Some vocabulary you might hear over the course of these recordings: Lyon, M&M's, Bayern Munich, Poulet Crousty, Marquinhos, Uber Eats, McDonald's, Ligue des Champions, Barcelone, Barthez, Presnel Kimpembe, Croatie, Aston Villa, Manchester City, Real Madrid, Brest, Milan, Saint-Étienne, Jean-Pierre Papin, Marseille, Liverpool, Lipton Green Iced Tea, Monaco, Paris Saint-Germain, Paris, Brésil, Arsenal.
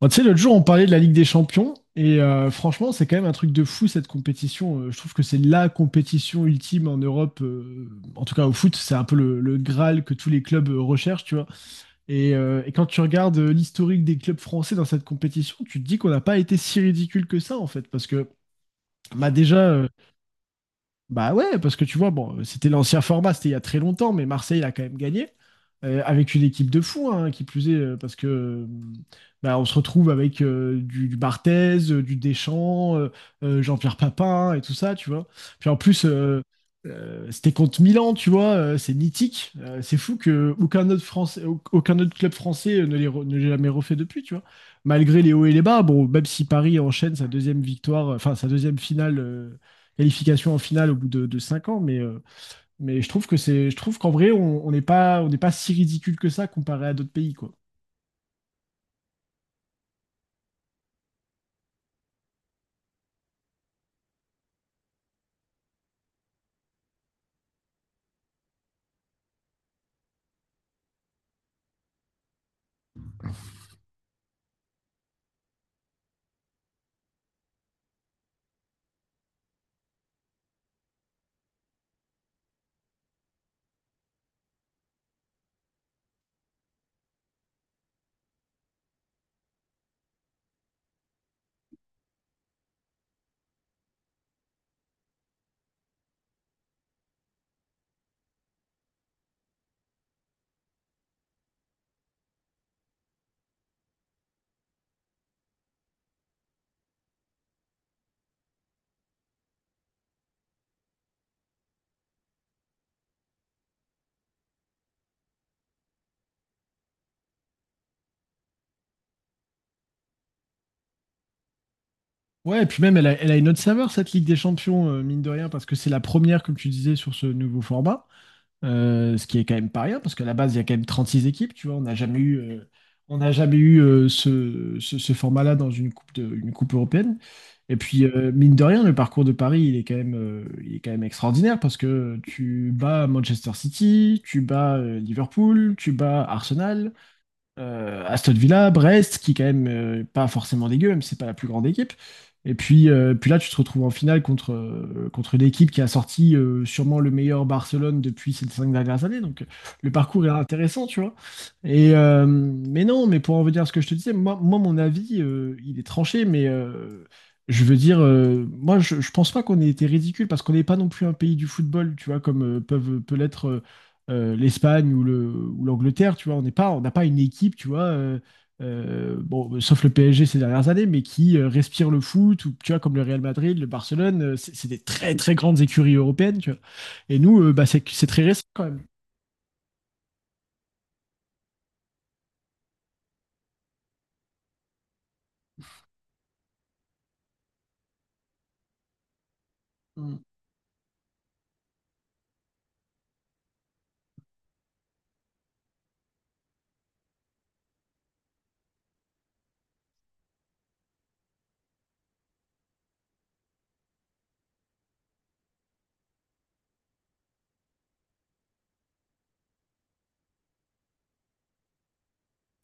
Bon, tu sais, l'autre jour, on parlait de la Ligue des Champions, et franchement, c'est quand même un truc de fou cette compétition. Je trouve que c'est la compétition ultime en Europe, en tout cas au foot, c'est un peu le Graal que tous les clubs recherchent, tu vois. Et quand tu regardes l'historique des clubs français dans cette compétition, tu te dis qu'on n'a pas été si ridicule que ça, en fait, parce que bah, déjà, bah ouais, parce que tu vois, bon, c'était l'ancien format, c'était il y a très longtemps, mais Marseille a quand même gagné, avec une équipe de fous, hein, qui plus est, parce que bah, on se retrouve avec du Barthez, du Deschamps, Jean-Pierre Papin et tout ça, tu vois. Puis en plus, c'était contre Milan, tu vois, c'est mythique. C'est fou que aucun autre Français, aucun autre club français ne l'ait ne l'ait jamais refait depuis, tu vois. Malgré les hauts et les bas, bon, même si Paris enchaîne sa deuxième victoire, enfin sa deuxième finale, qualification en finale au bout de 5 ans, mais je trouve je trouve qu'en vrai, on n'est pas si ridicule que ça comparé à d'autres pays, quoi. Ouais, et puis même, elle a une autre saveur, cette Ligue des Champions, mine de rien, parce que c'est la première, comme tu disais, sur ce nouveau format. Ce qui est quand même pas rien, parce qu'à la base, il y a quand même 36 équipes, tu vois, on n'a jamais eu ce format-là dans une coupe, une coupe européenne. Et puis, mine de rien, le parcours de Paris, il est quand même, il est quand même extraordinaire, parce que tu bats Manchester City, tu bats Liverpool, tu bats Arsenal, Aston Villa, Brest, qui est quand même pas forcément dégueu, même si c'est pas la plus grande équipe. Et puis, puis là, tu te retrouves en finale contre une équipe qui a sorti sûrement le meilleur Barcelone depuis ces cinq dernières années. Donc, le parcours est intéressant, tu vois. Mais non, mais pour en venir à ce que je te disais, moi mon avis, il est tranché, mais je veux dire, moi, je pense pas qu'on ait été ridicule parce qu'on n'est pas non plus un pays du football, tu vois, comme peut l'être l'Espagne ou ou l'Angleterre, tu vois, on n'a pas une équipe, tu vois, bon, sauf le PSG ces dernières années, mais qui respire le foot, ou tu vois, comme le Real Madrid, le Barcelone, c'est des très très grandes écuries européennes, tu vois. Et nous, bah, c'est très récent quand même. Mm.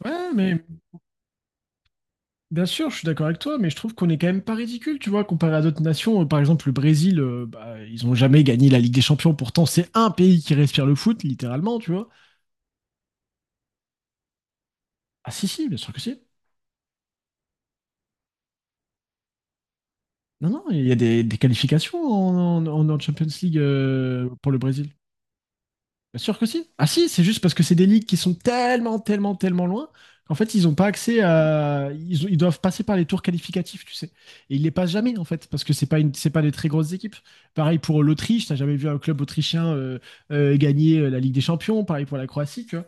Ouais, mais bien sûr, je suis d'accord avec toi, mais je trouve qu'on est quand même pas ridicule, tu vois, comparé à d'autres nations. Par exemple, le Brésil, bah, ils ont jamais gagné la Ligue des Champions, pourtant c'est un pays qui respire le foot, littéralement, tu vois. Ah si, si, bien sûr que si. Non, non, il y a des qualifications en Champions League pour le Brésil. Bien sûr que si. Ah si, c'est juste parce que c'est des ligues qui sont tellement, tellement, tellement loin qu'en fait, ils n'ont pas accès à. Ils doivent passer par les tours qualificatifs, tu sais. Et ils les passent jamais, en fait, parce que c'est pas des très grosses équipes. Pareil pour l'Autriche, t'as jamais vu un club autrichien gagner la Ligue des Champions. Pareil pour la Croatie, tu vois.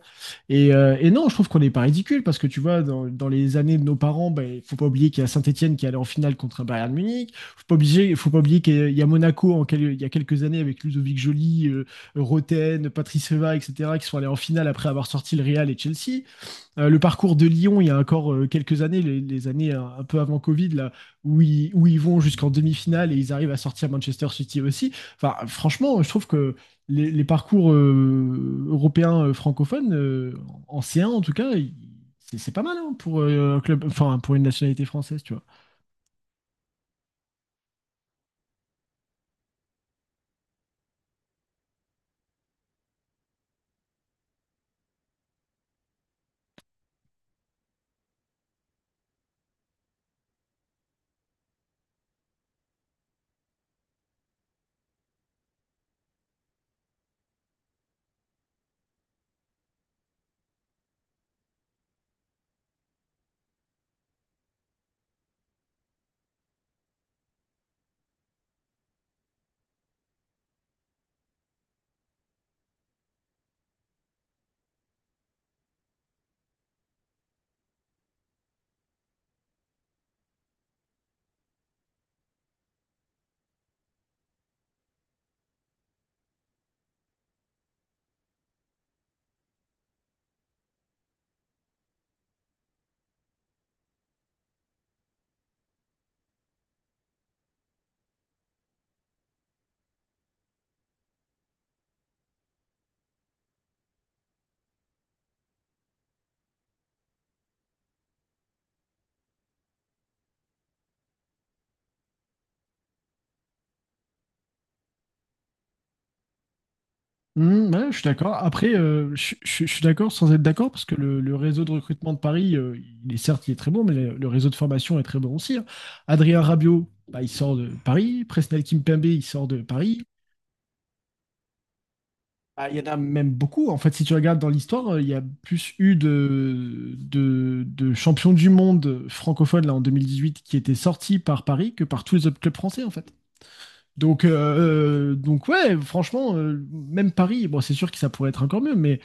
Et non, je trouve qu'on n'est pas ridicule, parce que tu vois, dans les années de nos parents, ben, il faut pas oublier qu'il y a Saint-Étienne qui est allé en finale contre un Bayern Munich. Faut pas oublier qu'il y a Monaco il y a quelques années avec Ludovic Joly, Roten, Patrice Eva, etc., qui sont allés en finale après avoir sorti le Real et Chelsea. Le parcours de Lyon, il y a encore quelques années, les années un peu avant Covid, là, où ils vont jusqu'en demi-finale et ils arrivent à sortir Manchester City aussi. Enfin, franchement, je trouve que les parcours européens francophones, en C1 en tout cas, c'est pas mal hein, pour un club, enfin pour une nationalité française, tu vois. Mmh, ouais, je suis d'accord. Après, je suis d'accord sans être d'accord parce que le réseau de recrutement de Paris, il est certes, il est très bon, mais le réseau de formation est très bon aussi, hein. Adrien Rabiot, bah, il sort de Paris. Presnel Kimpembe, il sort de Paris. Ah, il y en a même beaucoup. En fait, si tu regardes dans l'histoire, il y a plus eu de champions du monde francophones là, en 2018 qui étaient sortis par Paris que par tous les autres clubs français, en fait. Donc ouais, franchement, même Paris, bon, c'est sûr que ça pourrait être encore mieux, mais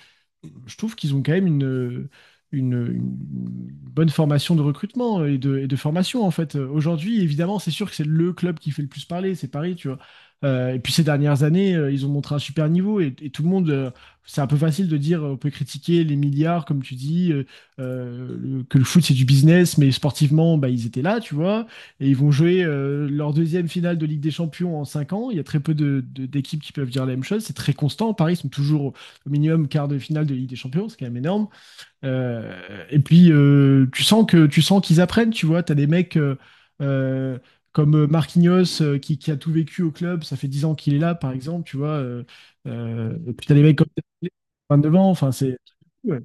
je trouve qu'ils ont quand même une bonne formation de recrutement et et de formation, en fait. Aujourd'hui, évidemment, c'est sûr que c'est le club qui fait le plus parler, c'est Paris, tu vois. Et puis ces dernières années, ils ont montré un super niveau, et tout le monde, c'est un peu facile de dire, on peut critiquer les milliards, comme tu dis, que le foot c'est du business, mais sportivement, bah, ils étaient là, tu vois, et ils vont jouer leur deuxième finale de Ligue des Champions en 5 ans. Il y a très peu d'équipes qui peuvent dire la même chose, c'est très constant. Paris sont toujours au minimum quart de finale de Ligue des Champions, c'est quand même énorme. Euh, et puis tu sens qu'ils apprennent, tu vois, tu as des mecs euh, comme Marquinhos a tout vécu au club, ça fait 10 ans qu'il est là par exemple, tu vois. Et puis tu as des mecs comme 29 ans, enfin c'est ouais.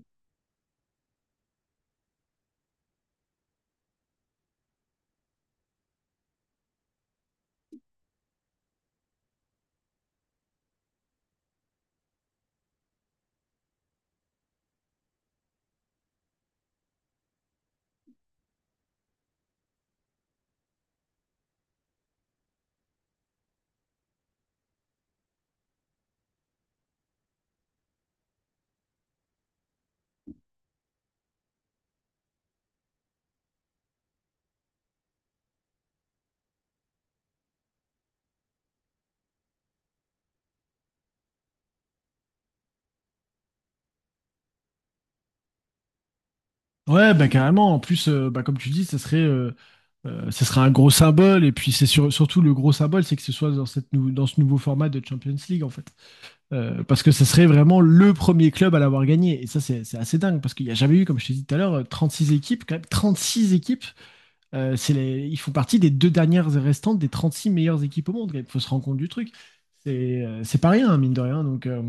Ouais, bah, carrément. En plus, bah, comme tu dis, ça serait un gros symbole. Et puis, c'est surtout le gros symbole, c'est que ce soit dans cette dans ce nouveau format de Champions League, en fait. Parce que ça serait vraiment le premier club à l'avoir gagné. Et ça, c'est assez dingue. Parce qu'il n'y a jamais eu, comme je t'ai dit tout à l'heure, six équipes. Quand même, six équipes. Ils font partie des deux dernières restantes des 36 meilleures équipes au monde. Il faut se rendre compte du truc. C'est pas rien, hein, mine de rien. Donc. euh,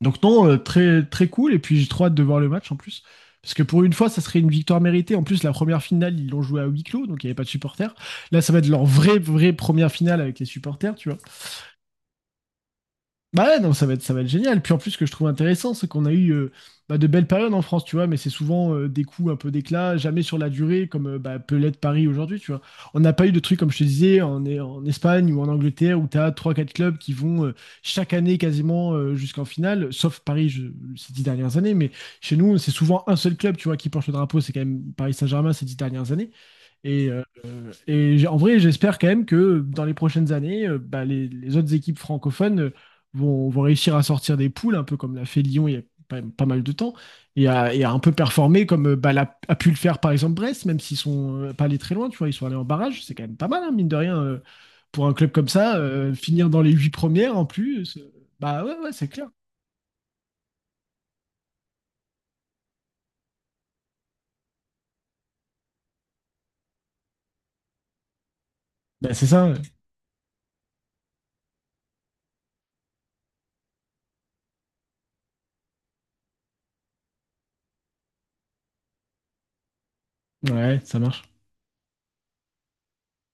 donc non, très, très cool. Et puis j'ai trop hâte de voir le match en plus. Parce que pour une fois, ça serait une victoire méritée. En plus, la première finale, ils l'ont joué à huis clos, donc il n'y avait pas de supporters. Là, ça va être leur vraie, vraie première finale avec les supporters, tu vois. Bah ouais, non, ça va être génial. Puis en plus, ce que je trouve intéressant, c'est qu'on a eu bah, de belles périodes en France, tu vois, mais c'est souvent des coups un peu d'éclat, jamais sur la durée, comme bah, peut l'être Paris aujourd'hui, tu vois. On n'a pas eu de trucs, comme je te disais, en Espagne ou en Angleterre, où tu as 3-4 clubs qui vont chaque année quasiment jusqu'en finale, sauf Paris ces 10 dernières années, mais chez nous, c'est souvent un seul club, tu vois, qui porte le drapeau, c'est quand même Paris Saint-Germain ces 10 dernières années. Et euh, et en vrai, j'espère quand même que dans les prochaines années, bah, les autres équipes francophones vont réussir à sortir des poules, un peu comme l'a fait Lyon il y a pas mal de temps, et à un peu performer comme bah, a pu le faire par exemple Brest, même s'ils sont pas allés très loin, tu vois, ils sont allés en barrage, c'est quand même pas mal, hein, mine de rien, pour un club comme ça, finir dans les huit premières en plus, bah ouais, ouais, c'est clair. Bah, c'est ça, ouais, ouais, ça marche.